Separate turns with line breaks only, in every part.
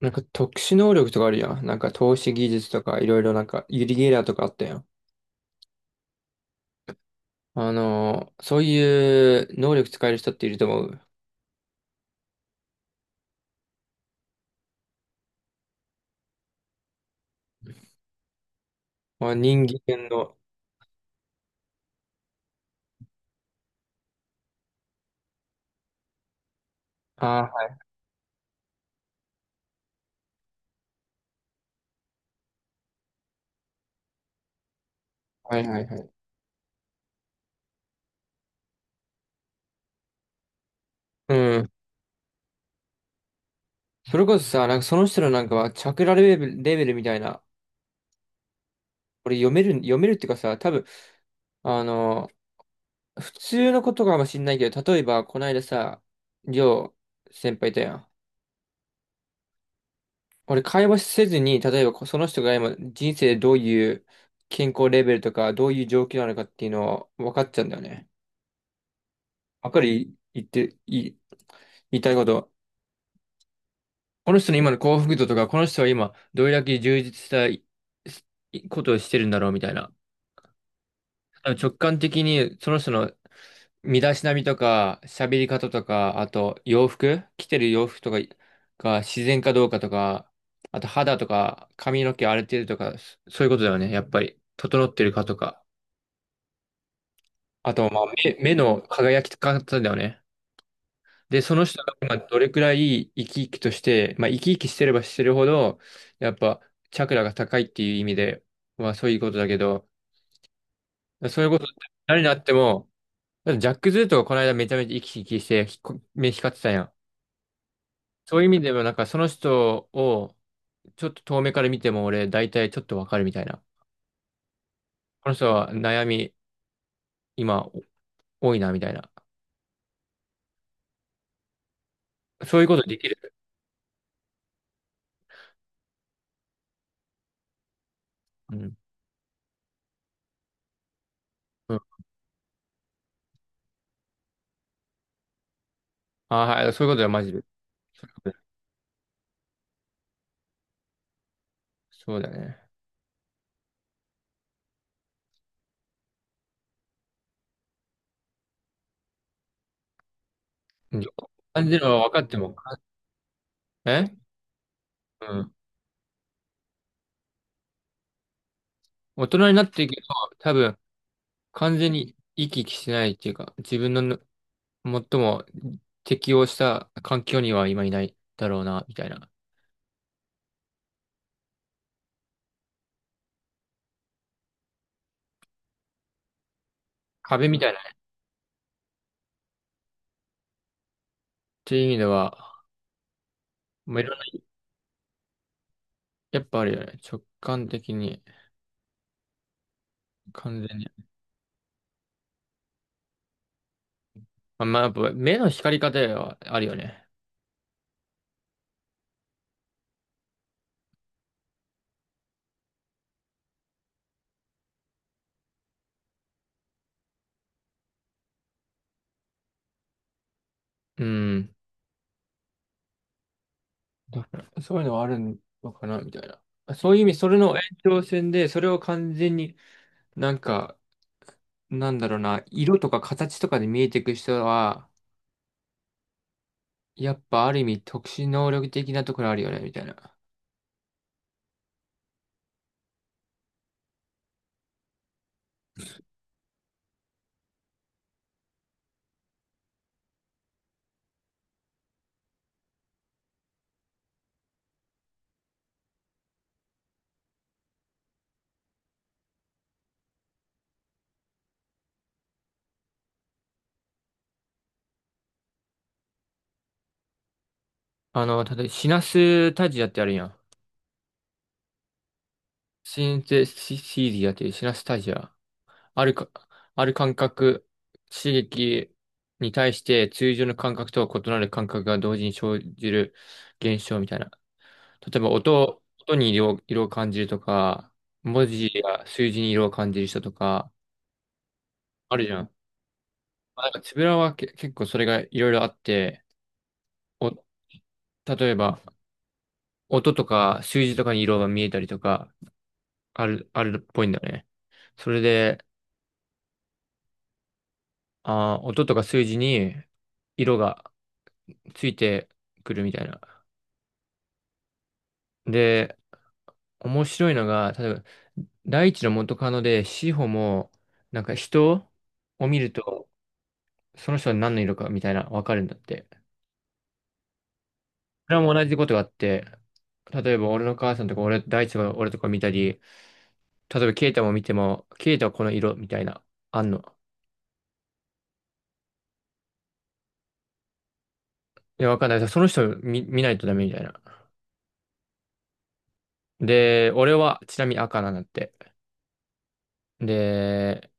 なんか特殊能力とかあるやん。なんか透視技術とかいろいろなんかユリゲラーとかあったやん。そういう能力使える人っていると思う。まあ、人間の。ああ、はいはいはい。うん。それこそさ、なんかその人のなんかはチャクラレベル、レベルみたいな、これ読める、読めるっていうかさ、多分、あのー普通のことかもしんないけど、例えばこの間さ、りょう先輩いたやん。俺、会話せずに、例えばその人が今人生でどういう健康レベルとか、どういう状況なのかっていうのは分かっちゃうんだよね。わかる言って、いい、言いたいこと。この人の今の幸福度とか、この人は今どれだけ充実したいいことをしてるんだろうみたいな。直感的にその人の身だしなみとか、喋り方とか、あと洋服、着てる洋服とかが自然かどうかとか、あと肌とか髪の毛荒れてるとか、そういうことだよね。やっぱり、整ってるかとか。あと、まあ、目の輝き方だよね。で、その人が今どれくらい生き生きとして、まあ、生き生きしてればしてるほど、やっぱ、チャクラが高いっていう意味で、まあ、そういうことだけど、そういうこと、誰になっても、だってジャック・ズーとかこの間めちゃめちゃ生き生きして、ひこ目光ってたやん。そういう意味でも、なんかその人をちょっと遠目から見ても俺大体ちょっとわかるみたいな。この人は悩み今多いなみたいな。そういうことできる。うん。うん。ああ、はい。そういうことはマジで。そうだね。うん。感じるのは分かっても。え、うん。大人になっていくと多分完全に生き生きしてないっていうか、自分の最も適応した環境には今いないだろうな、みたいな。壁みたいなね。っていう意味では、まあ、いろんな、やっぱあるよね。直感的に。完全に。あ、まあ、やっぱ目の光り方はあるよね。うん。だからそういうのはあるのかな、みたいな。そういう意味、それの延長線で、それを完全になんか、なんだろうな、色とか形とかで見えていく人は、やっぱある意味特殊能力的なところあるよね、みたいな。あの、例えばシナスタジアってあるやん。シンセシシーディアっていうシナスタジア。あるか、ある感覚、刺激に対して通常の感覚とは異なる感覚が同時に生じる現象みたいな。例えば音を、音に色を感じるとか、文字や数字に色を感じる人とか、あるじゃん。まあなんか、つぶらはけ結構それがいろいろあって、お、例えば、音とか数字とかに色が見えたりとか、あるっぽいんだよね。それで、あー、音とか数字に色がついてくるみたいな。で、面白いのが、例えば、第一の元カノで、志保も、なんか人を見ると、その人は何の色かみたいな、わかるんだって。それも同じことがあって、例えば俺の母さんとか俺、大地が俺とか見たり、例えばケイタも見ても、ケイタはこの色みたいな、あんの。いや、わかんない。その人見ないとダメみたいな。で、俺はちなみに赤なんだって。で、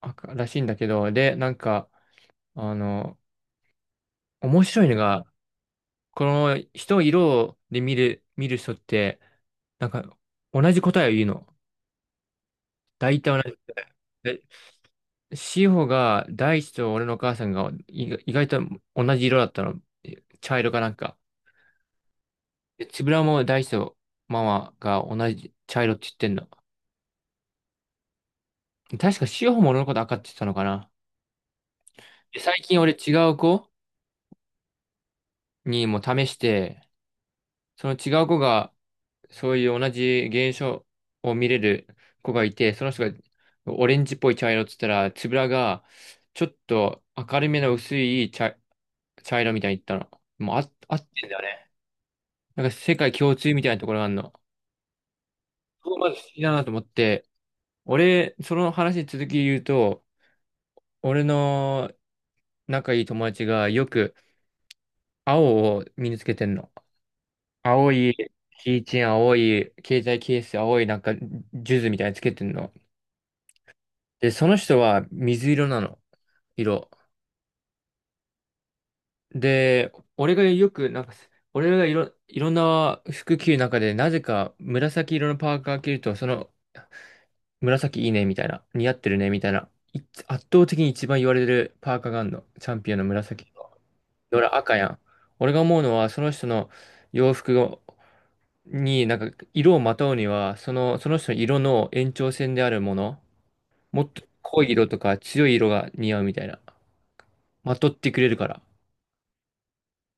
赤らしいんだけど、で、なんか、あの、面白いのが、この人を色で見る人って、なんか同じ答えを言うの。大体同じ。で志保が大地と俺のお母さんが意外と同じ色だったの。茶色かなんか。でつぶらも大地とママが同じ茶色って言ってんの。確か志保も俺のこと赤って言ってたのかな。で最近俺違う子にも試して、その違う子がそういう同じ現象を見れる子がいて、その人がオレンジっぽい茶色って言ったら、つぶらがちょっと明るめの薄い茶色みたいに言ったの。もうあ、合ってんだよね。なんか世界共通みたいなところがあるの。そこまず好きだなと思って、俺、その話に続き言うと、俺の仲いい友達がよく青を身につけてんの。青い、キーチェーン青い、携帯ケース青い、なんか、ジュズみたいにつけてんの。で、その人は水色なの。色。で、俺がよく、なんか、俺がいろんな服着る中で、なぜか紫色のパーカー着ると、その、紫いいね、みたいな。似合ってるね、みたいな。い圧倒的に一番言われるパーカーがあるの。チャンピオンの紫。で俺赤やん。俺が思うのは、その人の洋服をに、なんか、色をまとうには、その、その人の色の延長線であるもの、もっと濃い色とか強い色が似合うみたいな。まとってくれるから。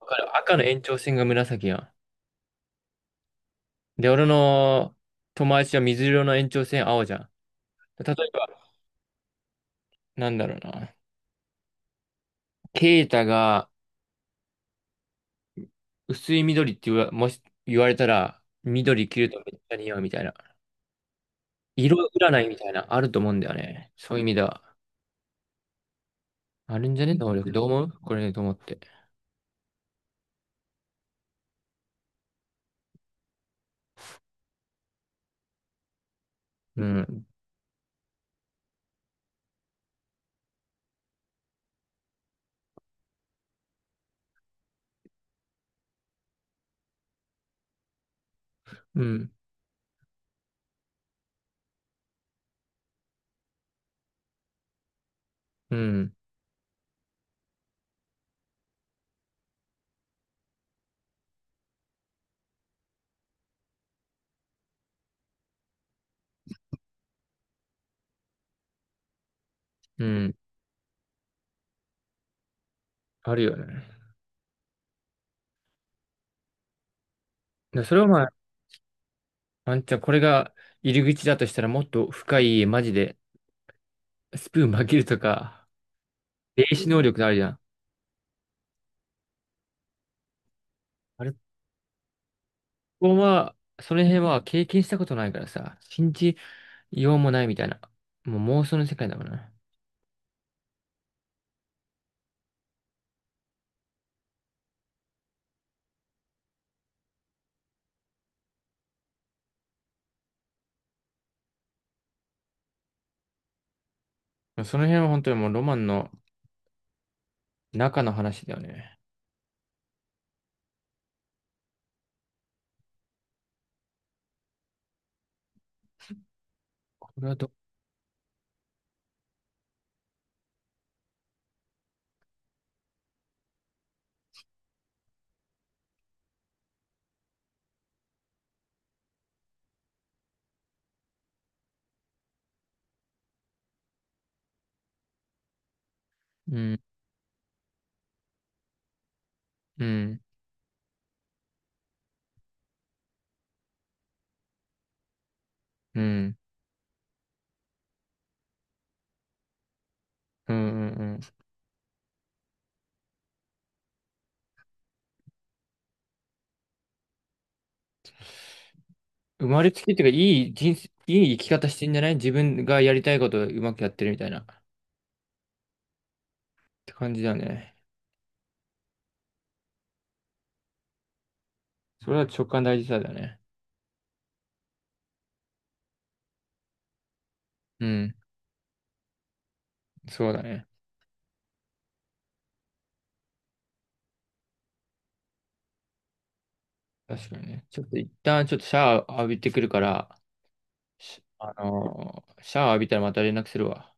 かる赤の延長線が紫やん。で、俺の友達は水色の延長線青じゃん。例えば、なんだろうな。ケイタが薄い緑って言わ、もし言われたら、緑着るとめっちゃ似合うみたいな。色占いみたいな、あると思うんだよね。そういう意味では。あるんじゃね能力。どう思うこれねと思って。うん。うん。うん。うん。あるよね。で、それはまあ、あんちゃん、これが入り口だとしたら、もっと深い、マジで、スプーン曲げるとか、霊視能力あるじゃん。あれここは、その辺は経験したことないからさ、信じようもないみたいな。もう妄想の世界だもんな。その辺は本当にもうロマンの中の話だよね。これはど、うん、うん、うん、うん、うん。うん、生まれつきっていうか、いい人生、いい生き方してんじゃない自分がやりたいことをうまくやってるみたいな。って感じだよね。それは直感大事さだよね。うん、そうだね。確かにね。ちょっと一旦ちょっとシャワー浴びてくるから、しシャワー浴びたらまた連絡するわ。